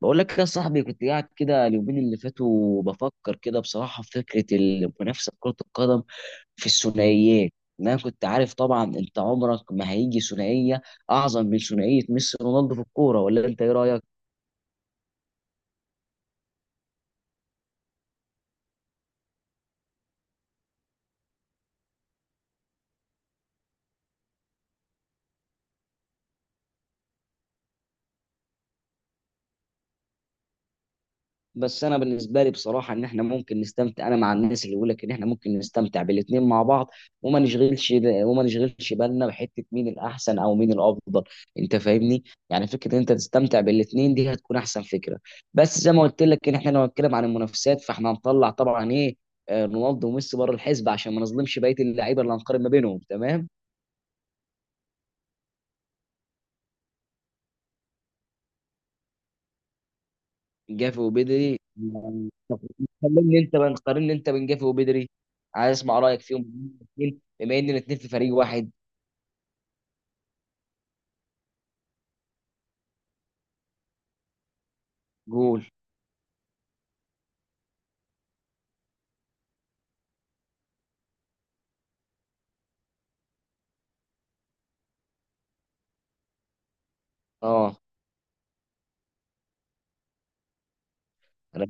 بقول لك يا صاحبي كنت قاعد كده اليومين اللي فاتوا بفكر كده بصراحة في فكرة المنافسة في كرة القدم في الثنائيات. إن انا كنت عارف طبعا، انت عمرك ما هيجي ثنائية اعظم من ثنائية ميسي ورونالدو في الكورة، ولا انت ايه رأيك؟ بس انا بالنسبه لي بصراحه ان احنا ممكن نستمتع، انا مع الناس اللي بيقول لك ان احنا ممكن نستمتع بالاثنين مع بعض، وما نشغلش بالنا بحته مين الاحسن او مين الافضل. انت فاهمني؟ يعني فكره ان انت تستمتع بالاثنين دي هتكون احسن فكره. بس زي ما قلت لك، ان احنا لو هنتكلم عن المنافسات فاحنا هنطلع طبعا ايه، رونالدو وميسي بره الحسبه، عشان ما نظلمش بقيه اللعيبه اللي هنقارن ما بينهم. تمام. جافي وبدري يعني، كلمني انت بقى، قارن انت بين جافي وبدري، عايز اسمع رايك فيهم الاثنين بما ان الاثنين في فريق واحد. جول. اه. انا.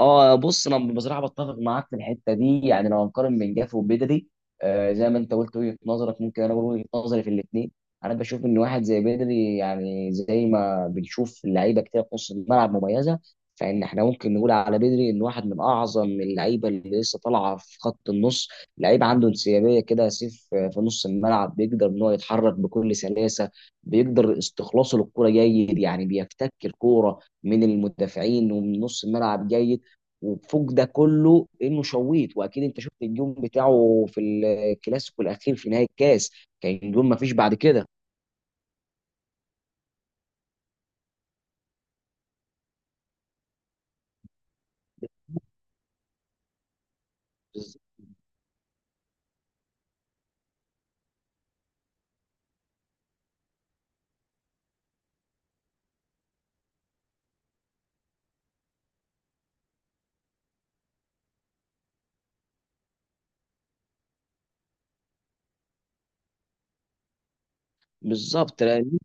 اه. بص انا بصراحه بتفق معاك في الحته دي، يعني لو هنقارن بين جاف وبدري، زي ما انت قلت وجهه نظرك، ممكن انا اقول وجهه نظري في الاثنين. انا بشوف ان واحد زي بدري، يعني زي ما بنشوف لعيبه كتير في نص الملعب مميزه، فان احنا ممكن نقول على بدري ان واحد من اعظم اللعيبه اللي لسه طالعه في خط النص. لعيب عنده انسيابيه كده سيف، في نص الملعب بيقدر ان هو يتحرك بكل سلاسه. بيقدر استخلاصه للكره جيد، يعني بيفتك الكوره من المدافعين ومن نص الملعب جيد. وفوق ده كله انه شويت، واكيد انت شفت الجون بتاعه في الكلاسيكو الاخير في نهائي الكاس، كان جون ما فيش بعد كده. بز- بالظبط لأن-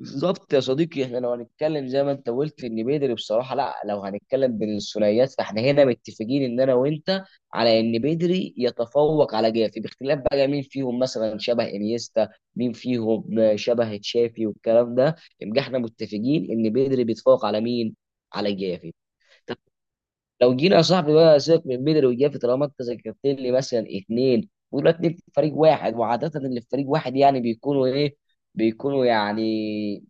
بالظبط يا صديقي، احنا لو هنتكلم زي ما انت قلت ان بيدري، بصراحه لا، لو هنتكلم بين الثنائيات فاحنا هنا متفقين ان انا وانت على ان بيدري يتفوق على جافي، باختلاف بقى مين فيهم مثلا شبه انيستا، مين فيهم شبه تشافي، والكلام ده يبقى احنا متفقين ان بيدري بيتفوق على مين؟ على جافي. لو جينا يا صاحبي بقى سيبك من بدري وجافي، طالما انت ذكرت لي مثلا اثنين، ولا اتنين في فريق واحد، وعاده اللي في فريق واحد يعني بيكونوا ايه، بيكونوا يعني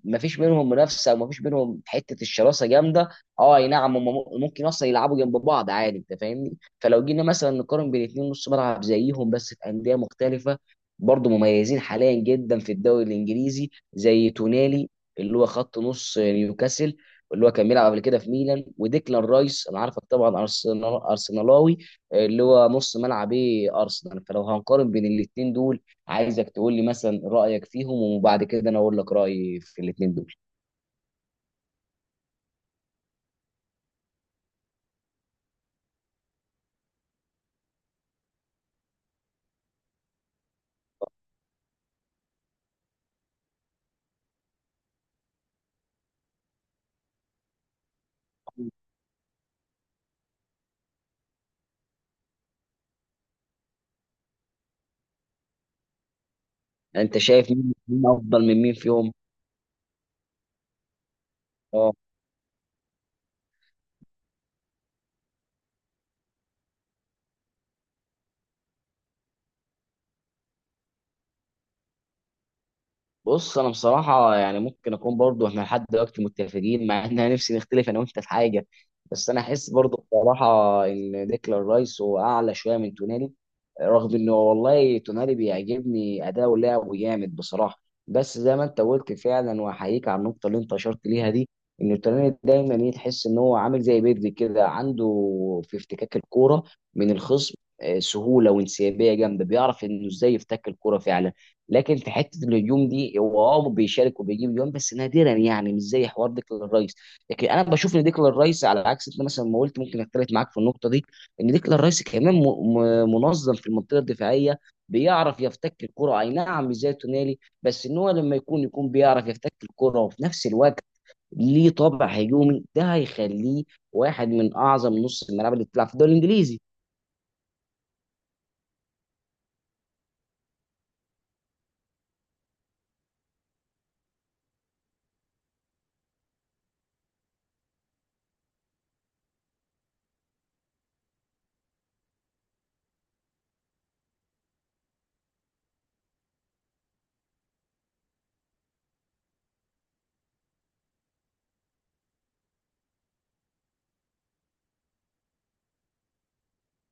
ما فيش بينهم منافسه وما فيش بينهم حته الشراسه جامده. اه اي نعم، هم ممكن اصلا يلعبوا جنب بعض عادي، انت فاهمني؟ فلو جينا مثلا نقارن بين اتنين نص ملعب زيهم بس في انديه مختلفه، برضه مميزين حاليا جدا في الدوري الانجليزي، زي تونالي اللي هو خط نص نيوكاسل، اللي هو كان بيلعب قبل كده في ميلان، وديكلان رايس، انا عارفك طبعا ارسنال ارسنالاوي، اللي هو نص ملعب ايه ارسنال. فلو هنقارن بين الاثنين دول، عايزك تقول لي مثلا رايك فيهم، وبعد كده انا اقول لك رايي في الاثنين دول. انت شايف مين مين افضل من مين فيهم؟ اه، بص انا بصراحه يعني ممكن اكون برضو، احنا لحد دلوقتي متفقين، مع ان انا نفسي نختلف انا وانت في حاجه. بس انا احس برضو بصراحه ان ديكلان رايس هو اعلى شويه من تونالي، رغم انه والله تونالي بيعجبني اداؤه، لعبه جامد بصراحه. بس زي ما انت قلت فعلا، واحييك على النقطه اللي انت اشرت ليها دي، ان تونالي دايما ايه، تحس ان هو عامل زي بيدري كده، عنده في افتكاك الكوره من الخصم سهوله وانسيابيه جامده، بيعرف انه ازاي يفتك الكوره فعلا. لكن في حته الهجوم دي هو بيشارك وبيجيب جون بس نادرا، يعني مش زي حوار ديكلان رايس. لكن انا بشوف ان ديكلان رايس على عكس انت مثلا ما قلت، ممكن اختلف معاك في النقطه دي، ان ديكلان رايس كمان منظم في المنطقه الدفاعيه. بيعرف يفتك الكره اي نعم، مش زي تونالي، بس ان هو لما يكون بيعرف يفتك الكره وفي نفس الوقت ليه طابع هجومي، ده هيخليه واحد من اعظم نص الملعب اللي بتلعب في الدوري الانجليزي.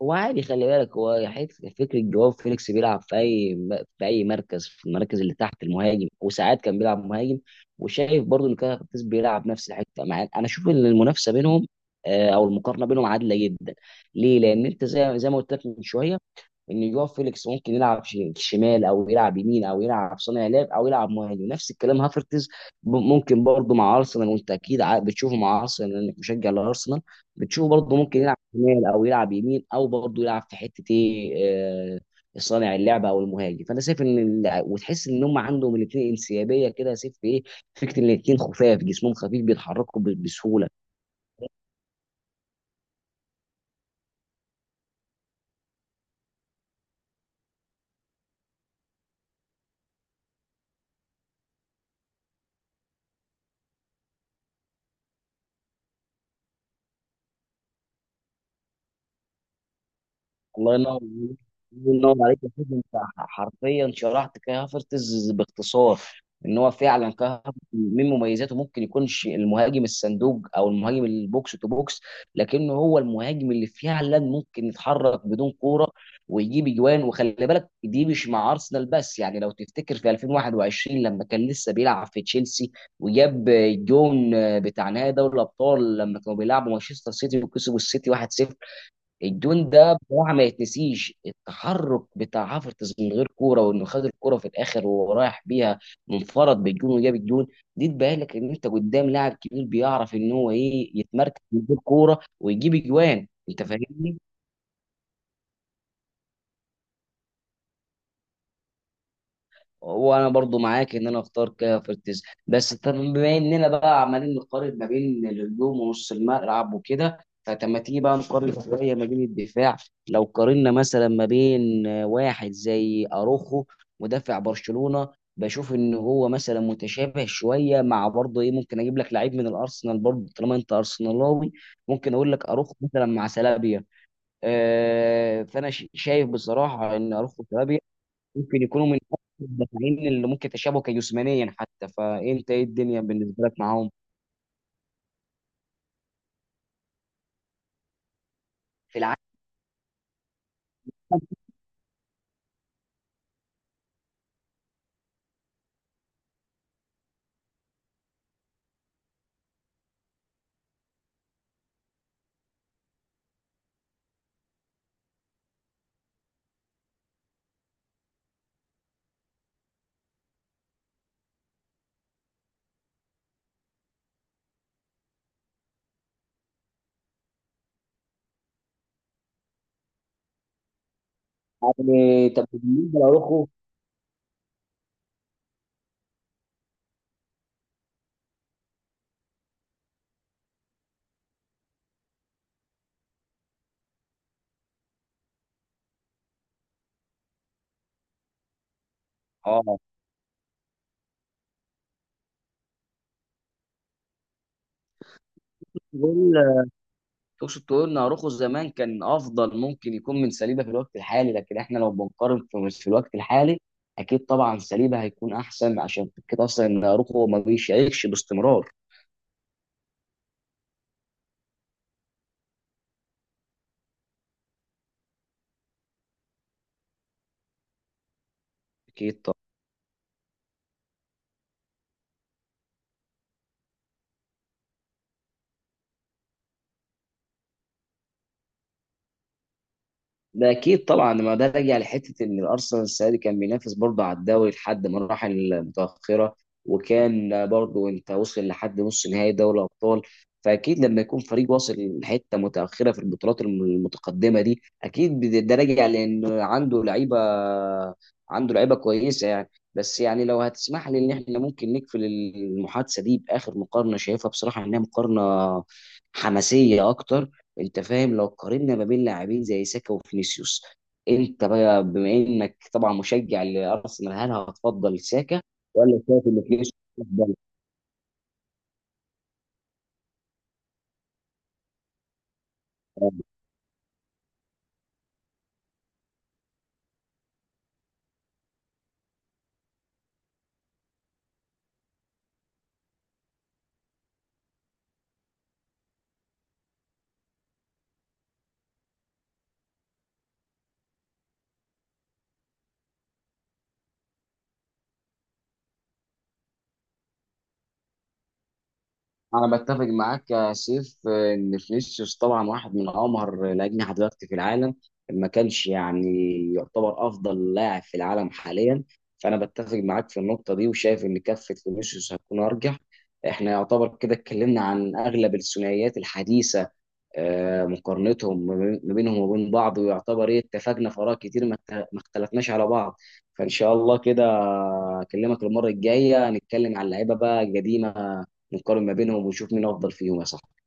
هو عادي خلي بالك، هو حته فكره جواو فيليكس، بيلعب في اي مركز، في المراكز اللي تحت المهاجم، وساعات كان بيلعب مهاجم. وشايف برضو ان كان كارفاخال بيلعب نفس الحته، مع انا اشوف ان المنافسه بينهم، او المقارنه بينهم عادله جدا. ليه؟ لان انت زي ما قلت لك من شويه، ان جوا فيليكس ممكن يلعب شمال او يلعب يمين او يلعب صانع لعب او يلعب مهاجم، نفس الكلام هافرتز. ممكن برضه مع ارسنال، وانت اكيد بتشوفه مع ارسنال لانك مشجع لارسنال. بتشوفه برضه ممكن يلعب شمال او يلعب يمين او برضه يلعب في حته ايه، آه، صانع اللعبه او المهاجم. فانا شايف ان وتحس ان هم عندهم الاثنين انسيابيه كده يا سيف في ايه، فكره الاثنين خفاف، جسمهم خفيف، بيتحركوا بسهوله. الله ينور عليك. الله ينور عليك يا سيدي، انت حرفيا شرحت كاي هافرتز باختصار. ان هو فعلا كاي هافرتز من مميزاته، ممكن يكونش المهاجم الصندوق او المهاجم البوكس تو بوكس، لكنه هو المهاجم اللي فعلا ممكن يتحرك بدون كوره ويجيب اجوان. وخلي بالك دي مش مع ارسنال بس، يعني لو تفتكر في 2021 لما كان لسه بيلعب في تشيلسي وجاب الجون بتاع نهائي دوري الابطال، لما كانوا بيلعبوا مانشستر سيتي وكسبوا السيتي 1-0. الجون ده بصراحه ما يتنسيش، التحرك بتاع حافظ من غير كوره، وانه خد الكوره في الاخر وهو رايح بيها منفرد بالجون، وجاب الجون. دي تبين لك ان انت قدام لاعب كبير، بيعرف ان هو ايه يتمركز من غير كوره ويجيب اجوان، انت فاهمني؟ وانا برضو معاك، ان انا اختار كافرتز. بس طب بما اننا بقى عمالين نقارن ما بين الهجوم ونص الملعب وكده، فلما تيجي بقى نقارن شويه ما بين الدفاع. لو قارنا مثلا ما بين واحد زي اروخو مدافع برشلونه، بشوف ان هو مثلا متشابه شويه مع برضه ايه، ممكن اجيب لك لعيب من الارسنال برضه طالما انت ارسنالاوي، ممكن اقول لك اروخو مثلا مع سلابيا. فانا شايف بصراحه ان اروخو وسلابيا ممكن يكونوا من أكثر المدافعين اللي ممكن تشابهوا كجسمانيا حتى، فانت ايه الدنيا بالنسبه لك معاهم في العالم؟ يعني طب بالنسبه لاروخو، اه، تقول تقصد تقول ان اروخو زمان كان افضل، ممكن يكون من سليبه في الوقت الحالي، لكن احنا لو بنقارن في الوقت الحالي اكيد طبعا سليبه هيكون احسن، عشان كده اصلا ان اروخو ما بيشاركش باستمرار. اكيد. ده اكيد طبعا، ما ده راجع لحته ان الارسنال السنه دي كان بينافس برضه على الدوري لحد مراحل متاخره، وكان برضه انت وصل لحد نص نهائي دوري الابطال، فاكيد لما يكون فريق واصل لحته متاخره في البطولات المتقدمه دي اكيد ده راجع لان عنده لعيبه، عنده لعيبه كويسه يعني. بس يعني لو هتسمح لي ان احنا ممكن نقفل المحادثه دي باخر مقارنه، شايفها بصراحه انها مقارنه حماسيه اكتر، انت فاهم، لو قارنا ما بين لاعبين زي ساكا وفينيسيوس، انت بقى بما انك طبعا مشجع لارسنال، هل هتفضل ساكا ولا شايف ان فينيسيوس افضل؟ انا بتفق معاك يا سيف، ان فينيسيوس طبعا واحد من امهر الاجنحه دلوقتي في العالم، ما كانش يعني يعتبر افضل لاعب في العالم حاليا، فانا بتفق معاك في النقطه دي، وشايف ان كفه فينيسيوس هتكون ارجح. احنا يعتبر كده اتكلمنا عن اغلب الثنائيات الحديثه، مقارنتهم ما بينهم وبين بعض، ويعتبر ايه اتفقنا في اراء كتير، ما اختلفناش على بعض. فان شاء الله كده اكلمك المره الجايه نتكلم على اللعيبه بقى القديمه، نقارن ما بينهم ونشوف مين افضل فيهم يا صاحبي.